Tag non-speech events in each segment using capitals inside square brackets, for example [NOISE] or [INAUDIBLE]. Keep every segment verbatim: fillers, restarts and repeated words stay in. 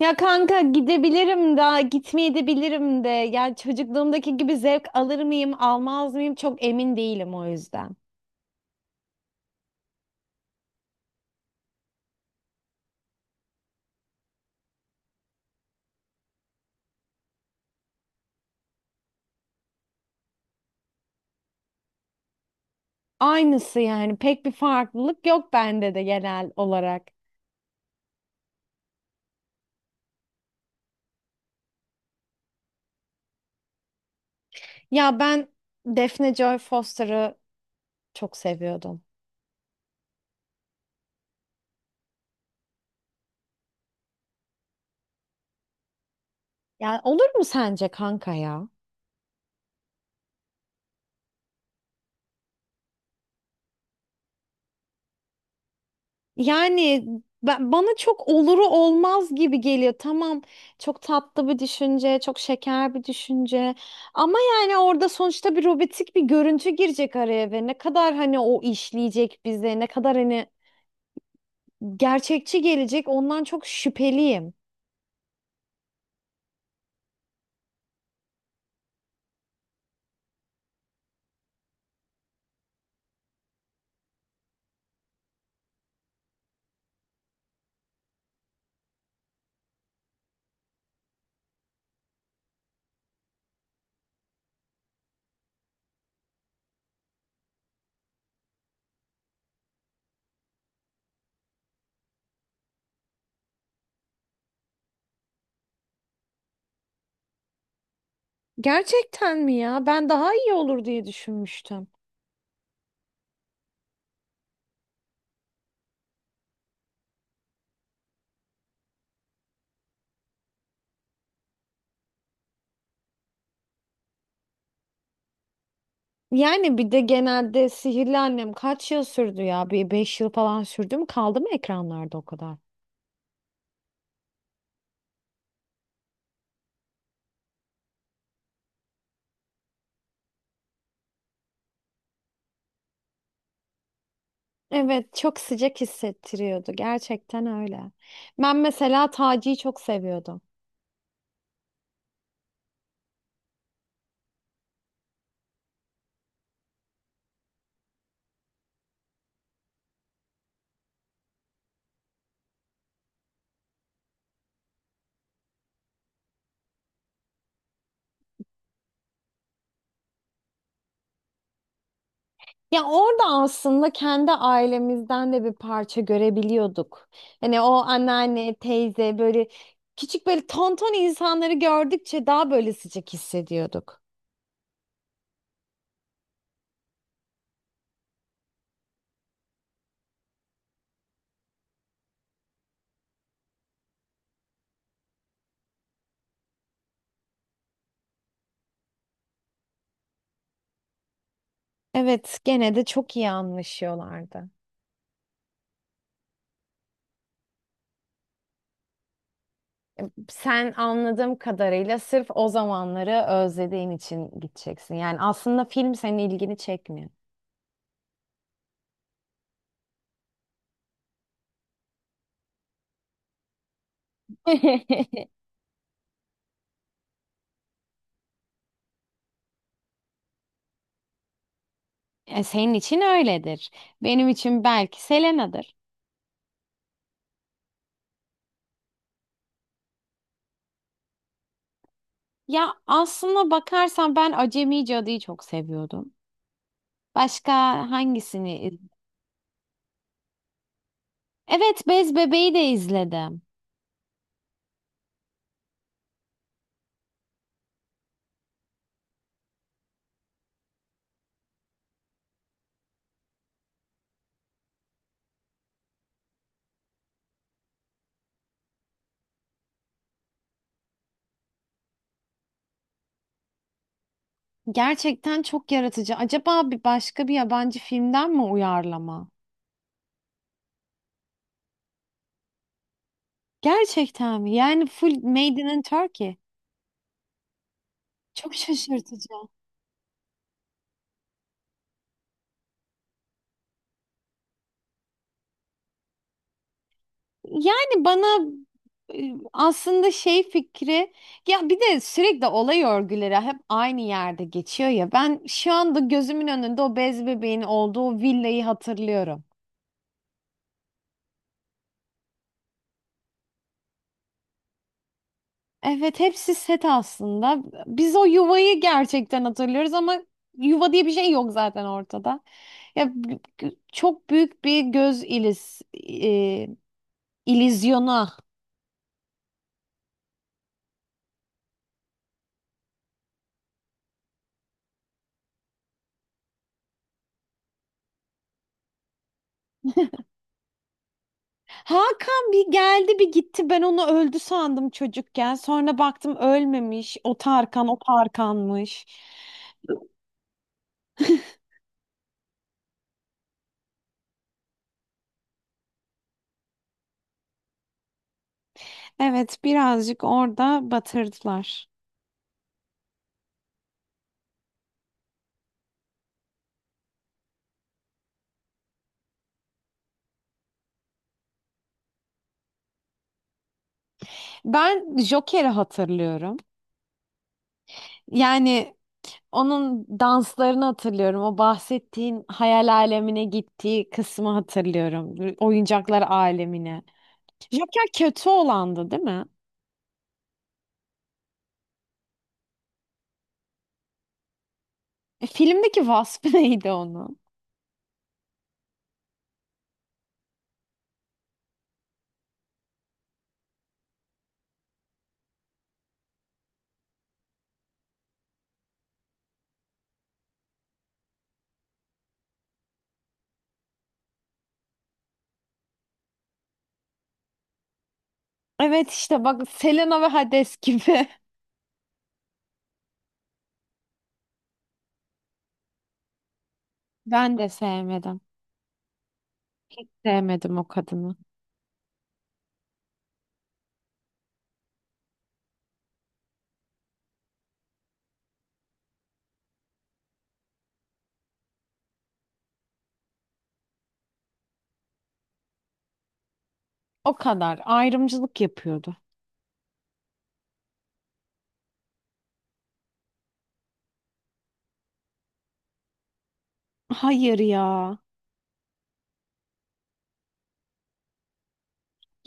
Ya kanka gidebilirim da gitmeyebilirim de. Yani çocukluğumdaki gibi zevk alır mıyım, almaz mıyım çok emin değilim o yüzden. Aynısı yani pek bir farklılık yok bende de genel olarak. Ya ben Defne Joy Foster'ı çok seviyordum. Yani olur mu sence kanka ya? Yani ben, bana çok oluru olmaz gibi geliyor. Tamam, çok tatlı bir düşünce, çok şeker bir düşünce. Ama yani orada sonuçta bir robotik bir görüntü girecek araya ve ne kadar hani o işleyecek bize, ne kadar hani gerçekçi gelecek ondan çok şüpheliyim. Gerçekten mi ya? Ben daha iyi olur diye düşünmüştüm. Yani bir de genelde Sihirli Annem kaç yıl sürdü ya? Bir beş yıl falan sürdü mü? Kaldı mı ekranlarda o kadar? Evet, çok sıcak hissettiriyordu. Gerçekten öyle. Ben mesela Taci'yi çok seviyordum. Ya orada aslında kendi ailemizden de bir parça görebiliyorduk. Hani o anneanne, teyze böyle küçük böyle tonton insanları gördükçe daha böyle sıcak hissediyorduk. Evet, gene de çok iyi anlaşıyorlardı. Sen anladığım kadarıyla sırf o zamanları özlediğin için gideceksin. Yani aslında film senin ilgini çekmiyor. [LAUGHS] E, senin için öyledir. Benim için belki Selena'dır. Ya aslında bakarsan ben Acemi Cadı'yı çok seviyordum. Başka hangisini? iz- Evet, Bez Bebeği de izledim. Gerçekten çok yaratıcı. Acaba bir başka bir yabancı filmden mi uyarlama? Gerçekten mi? Yani full Made in Turkey. Çok şaşırtıcı. Yani bana e, aslında şey fikri ya bir de sürekli olay örgüleri hep aynı yerde geçiyor ya ben şu anda gözümün önünde o bez bebeğin olduğu villayı hatırlıyorum. Evet hepsi set aslında. Biz o yuvayı gerçekten hatırlıyoruz ama yuva diye bir şey yok zaten ortada. Ya b- b- çok büyük bir göz iliz e, ilizyona. Hakan bir geldi bir gitti. Ben onu öldü sandım çocukken. Sonra baktım ölmemiş. O Tarkan, o Tarkan'mış. Evet, birazcık orada batırdılar. Ben Joker'i hatırlıyorum. Yani onun danslarını hatırlıyorum. O bahsettiğin hayal alemine gittiği kısmı hatırlıyorum. Oyuncaklar alemine. Joker kötü olandı, değil mi? E, filmdeki vasfı [LAUGHS] neydi onun? Evet işte bak Selena ve Hades gibi. [LAUGHS] Ben de sevmedim. Sevmedim o kadını. O kadar ayrımcılık yapıyordu. Hayır ya.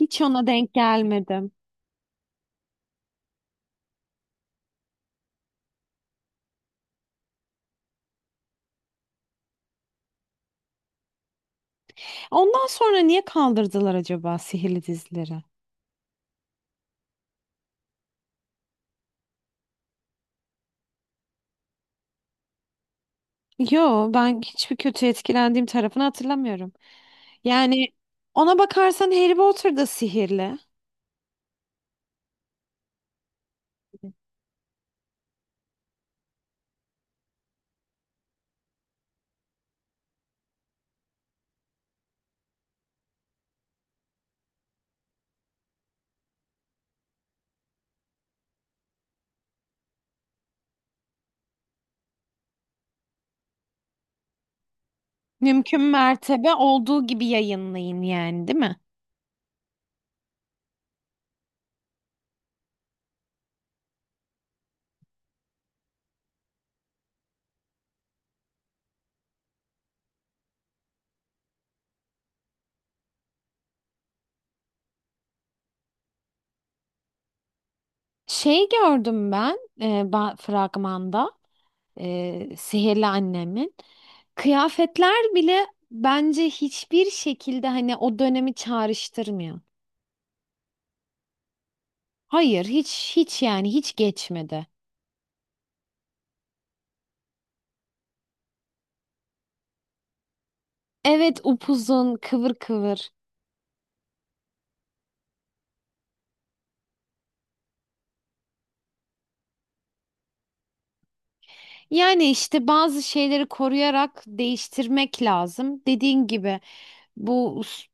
Hiç ona denk gelmedim. Ondan sonra niye kaldırdılar acaba sihirli dizileri? Yo ben hiçbir kötü etkilendiğim tarafını hatırlamıyorum. Yani ona bakarsan Harry Potter da sihirli. Mümkün mertebe olduğu gibi yayınlayın yani, değil mi? Şey gördüm ben e, ba- fragmanda e, Sihirli Annem'in. Kıyafetler bile bence hiçbir şekilde hani o dönemi çağrıştırmıyor. Hayır hiç hiç yani hiç geçmedi. Evet upuzun kıvır kıvır. Yani işte bazı şeyleri koruyarak değiştirmek lazım. Dediğin gibi bu s-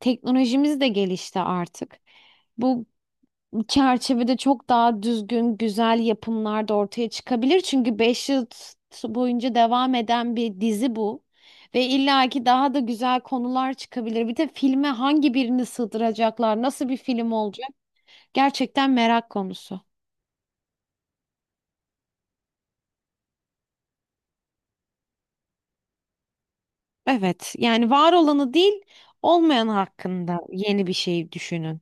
teknolojimiz de gelişti artık. Bu çerçevede çok daha düzgün, güzel yapımlar da ortaya çıkabilir. Çünkü beş yıl t- boyunca devam eden bir dizi bu. Ve illaki daha da güzel konular çıkabilir. Bir de filme hangi birini sığdıracaklar, nasıl bir film olacak? Gerçekten merak konusu. Evet, yani var olanı değil, olmayan hakkında yeni bir şey düşünün.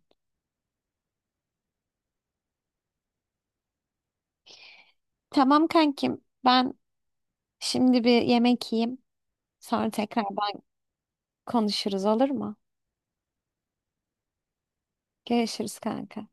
Tamam kankim, ben şimdi bir yemek yiyeyim. Sonra tekrar ben konuşuruz olur mu? Görüşürüz kanka.